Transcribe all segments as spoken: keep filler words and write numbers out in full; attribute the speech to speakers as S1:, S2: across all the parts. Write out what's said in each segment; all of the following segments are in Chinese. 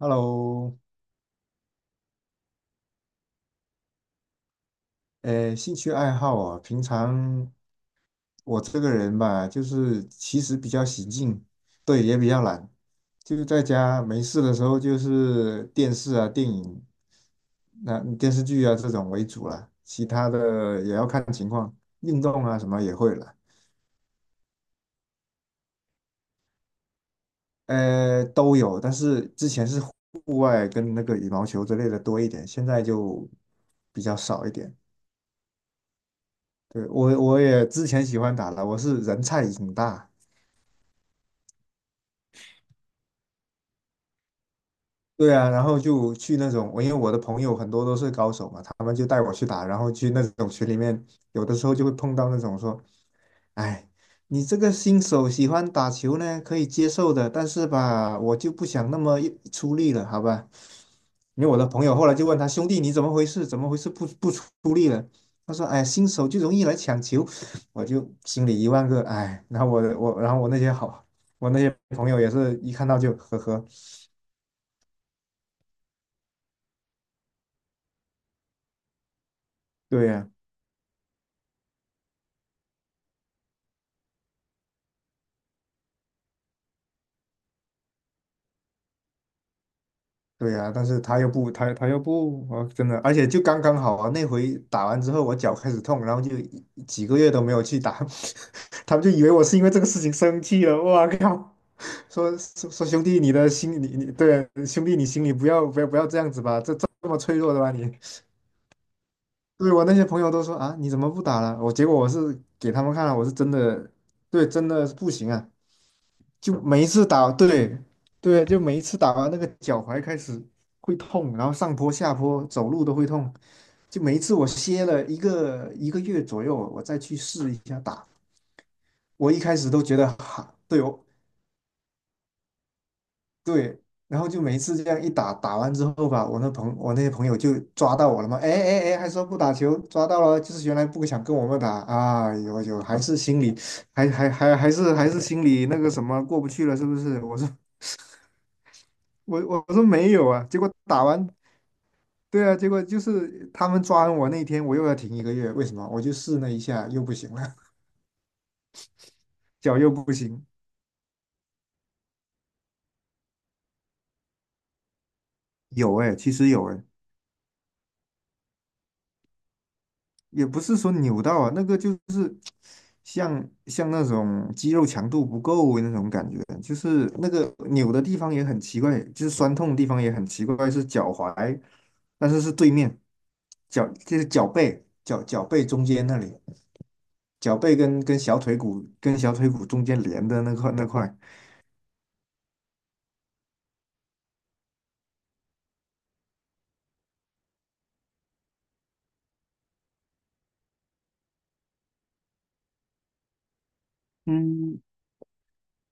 S1: Hello，呃，兴趣爱好啊，平常我这个人吧，就是其实比较喜静，对，也比较懒，就是在家没事的时候，就是电视啊、电影、那电视剧啊这种为主了，其他的也要看情况，运动啊什么也会了，呃，都有，但是之前是户外跟那个羽毛球之类的多一点，现在就比较少一点。对，我我也之前喜欢打了，我是人菜瘾大。对啊，然后就去那种，我因为我的朋友很多都是高手嘛，他们就带我去打，然后去那种群里面，有的时候就会碰到那种说，哎，你这个新手喜欢打球呢，可以接受的，但是吧，我就不想那么一出力了，好吧？因为我的朋友后来就问他兄弟，你怎么回事？怎么回事不不出力了？他说，哎，新手就容易来抢球，我就心里一万个哎。然后我我然后我那些好，我那些朋友也是一看到就呵呵，对呀、对呀、但是他又不，他他又不，我真的，而且就刚刚好啊，那回打完之后，我脚开始痛，然后就一几个月都没有去打，他们就以为我是因为这个事情生气了，我靠，说说说兄弟，你的心里，你对啊兄弟，你心里不要不要不要这样子吧，这这么脆弱的吧你，对我那些朋友都说啊，你怎么不打了？我结果我是给他们看了，我是真的，对，真的是不行啊。就每一次打，对对，就每一次打完那个脚踝开始会痛，然后上坡下坡走路都会痛，就每一次我歇了一个一个月左右，我再去试一下打，我一开始都觉得哈，对哦对，然后就每一次这样一打，打完之后吧，我那朋我那些朋友就抓到我了嘛，哎哎哎，还说不打球，抓到了，就是原来不想跟我们打啊，有有，还是心里还还还还是还是心里那个什么过不去了，是不是？我说我我我说没有啊，结果打完，对啊，结果就是他们抓完我那天，我又要停一个月，为什么？我就试了一下，又不行了，脚又不行。有哎、其实有哎、也不是说扭到啊，那个就是像像那种肌肉强度不够那种感觉，就是那个扭的地方也很奇怪，就是酸痛的地方也很奇怪，是脚踝，但是是对面脚，就是脚背，脚脚背中间那里。脚背跟跟小腿骨跟小腿骨中间连的那块那块。嗯，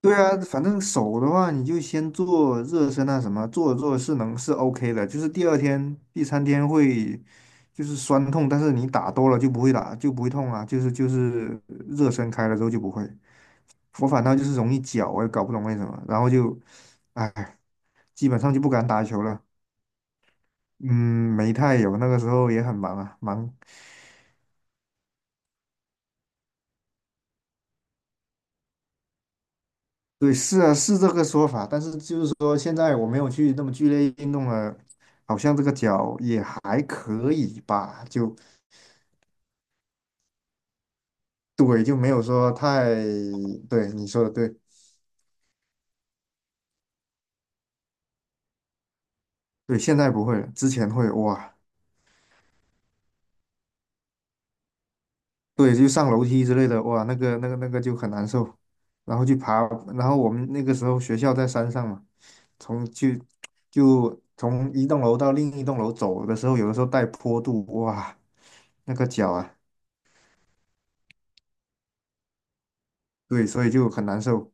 S1: 对啊，反正手的话，你就先做热身啊，什么做着做着是能是 OK 的，就是第二天、第三天会就是酸痛，但是你打多了就不会打，就不会痛啊，就是就是热身开了之后就不会。我反倒就是容易脚啊，我也搞不懂为什么，然后就，哎，基本上就不敢打球了。嗯，没太有，那个时候也很忙啊，忙对，是啊，是这个说法，但是就是说，现在我没有去那么剧烈运动了，好像这个脚也还可以吧，就对，就没有说太，对，你说的对，对，现在不会了，之前会，哇，对，就上楼梯之类的，哇，那个那个那个就很难受，然后去爬，然后我们那个时候学校在山上嘛，从去就从一栋楼到另一栋楼走的时候，有的时候带坡度，哇，那个脚啊，对，所以就很难受，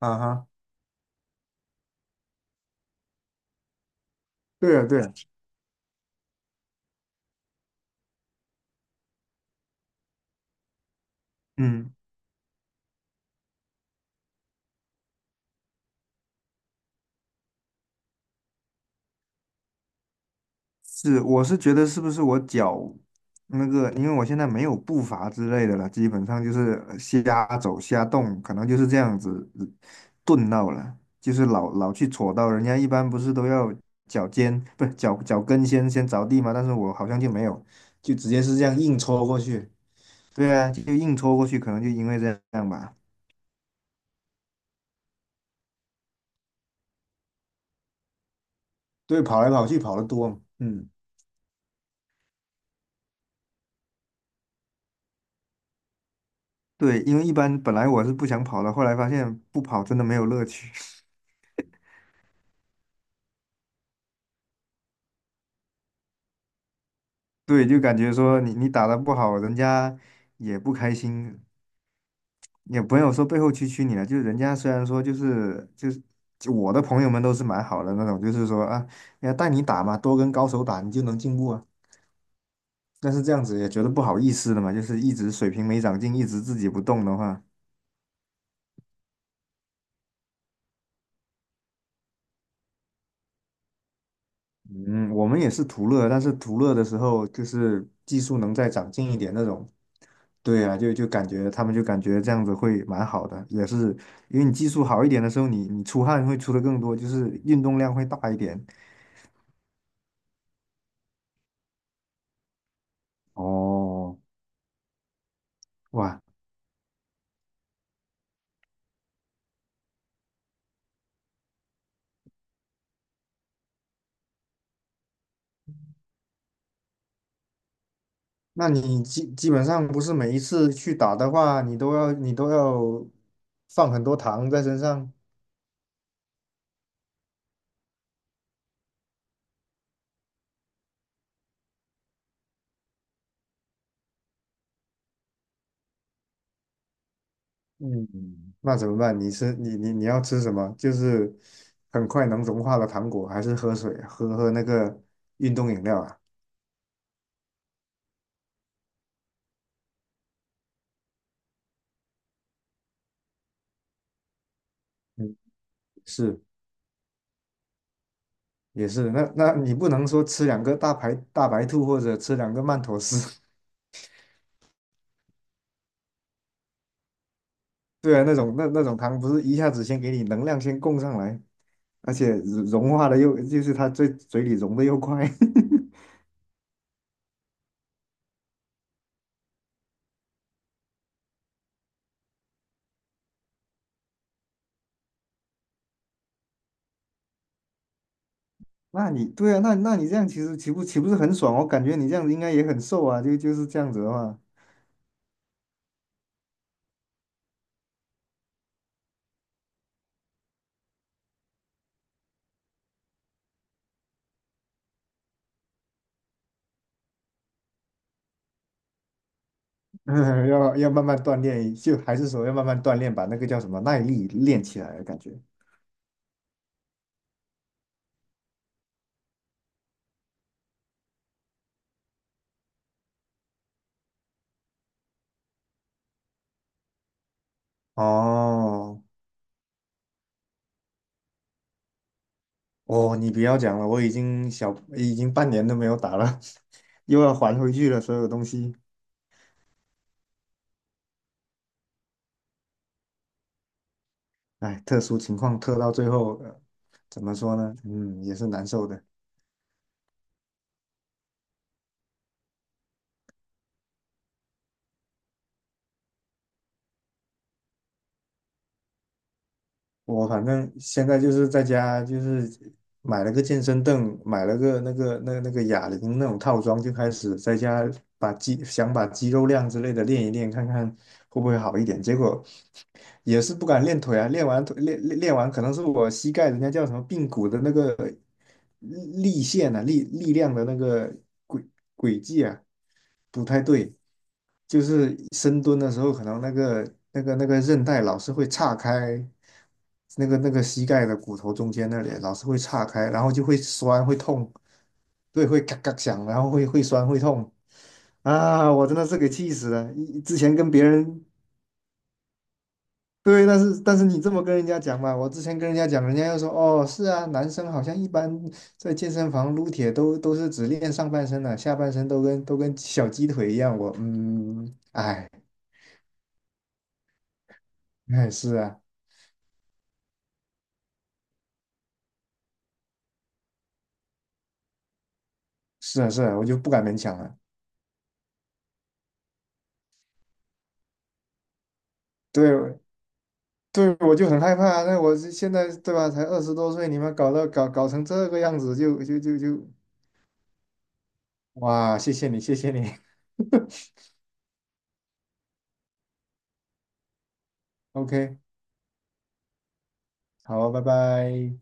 S1: 啊哈。对啊，对啊，嗯，是，我是觉得是不是我脚那个，因为我现在没有步伐之类的了，基本上就是呃瞎走瞎动，可能就是这样子呃顿到了，就是老老去戳到，人家一般不是都要脚尖，不是脚脚跟先先着地吗？但是我好像就没有，就直接是这样硬戳过去。对啊，就硬戳过去，可能就因为这样吧。对，跑来跑去跑得多嘛嗯，对，因为一般本来我是不想跑的，后来发现不跑真的没有乐趣。对，就感觉说你你打的不好，人家也不开心，也不友说背后蛐蛐你了。就是人家虽然说就是就是就我的朋友们都是蛮好的那种，就是说啊，要带你打嘛，多跟高手打，你就能进步啊。但是这样子也觉得不好意思的嘛，就是一直水平没长进，一直自己不动的话，嗯，我们也是图乐，但是图乐的时候就是技术能再长进一点那种，对啊，就就感觉他们就感觉这样子会蛮好的，也是因为你技术好一点的时候，你你出汗会出的更多，就是运动量会大一点。哦，哇，那你基基本上不是每一次去打的话，你都要你都要放很多糖在身上，嗯，那怎么办？你是你你你要吃什么？就是很快能融化的糖果，还是喝水，喝喝那个运动饮料啊？嗯是。也是，那那你不能说吃两个大白大白兔或者吃两个曼妥思，对啊，那种那那种糖不是一下子先给你能量先供上来，而且融融化的又就是它嘴嘴里融的又快，那你对啊，那那你这样其实岂不岂不是很爽？我感觉你这样子应该也很瘦啊，就就是这样子的话，要要慢慢锻炼，就还是说要慢慢锻炼，把那个叫什么耐力练起来的感觉。哦，哦，你不要讲了，我已经小，已经半年都没有打了，又要还回去了所有东西。哎，特殊情况特到最后，呃，怎么说呢？嗯，也是难受的。我反正现在就是在家，就是买了个健身凳，买了个那个那那个哑铃那种套装，就开始在家把肌想把肌肉量之类的练一练，看看会不会好一点。结果也是不敢练腿啊，练完腿练练练完，可能是我膝盖人家叫什么髌骨的那个力力线啊，力力量的那个轨轨迹啊，不太对，就是深蹲的时候，可能那个那个那个韧带老是会岔开，那个那个膝盖的骨头中间那里老是会岔开，然后就会酸会痛，对，会嘎嘎响，然后会会酸会痛啊，我真的是给气死了，一之前跟别人对，但是但是你这么跟人家讲嘛，我之前跟人家讲，人家又说哦，是啊，男生好像一般在健身房撸铁都都是只练上半身的，下半身都跟都跟小鸡腿一样。我嗯，哎哎，是啊是啊是啊，我就不敢勉强了。对对，我就很害怕啊那我是现在对吧，才二十多岁，你们搞到搞搞成这个样子就就就就，哇，谢谢你谢谢你 ，OK，好，拜拜。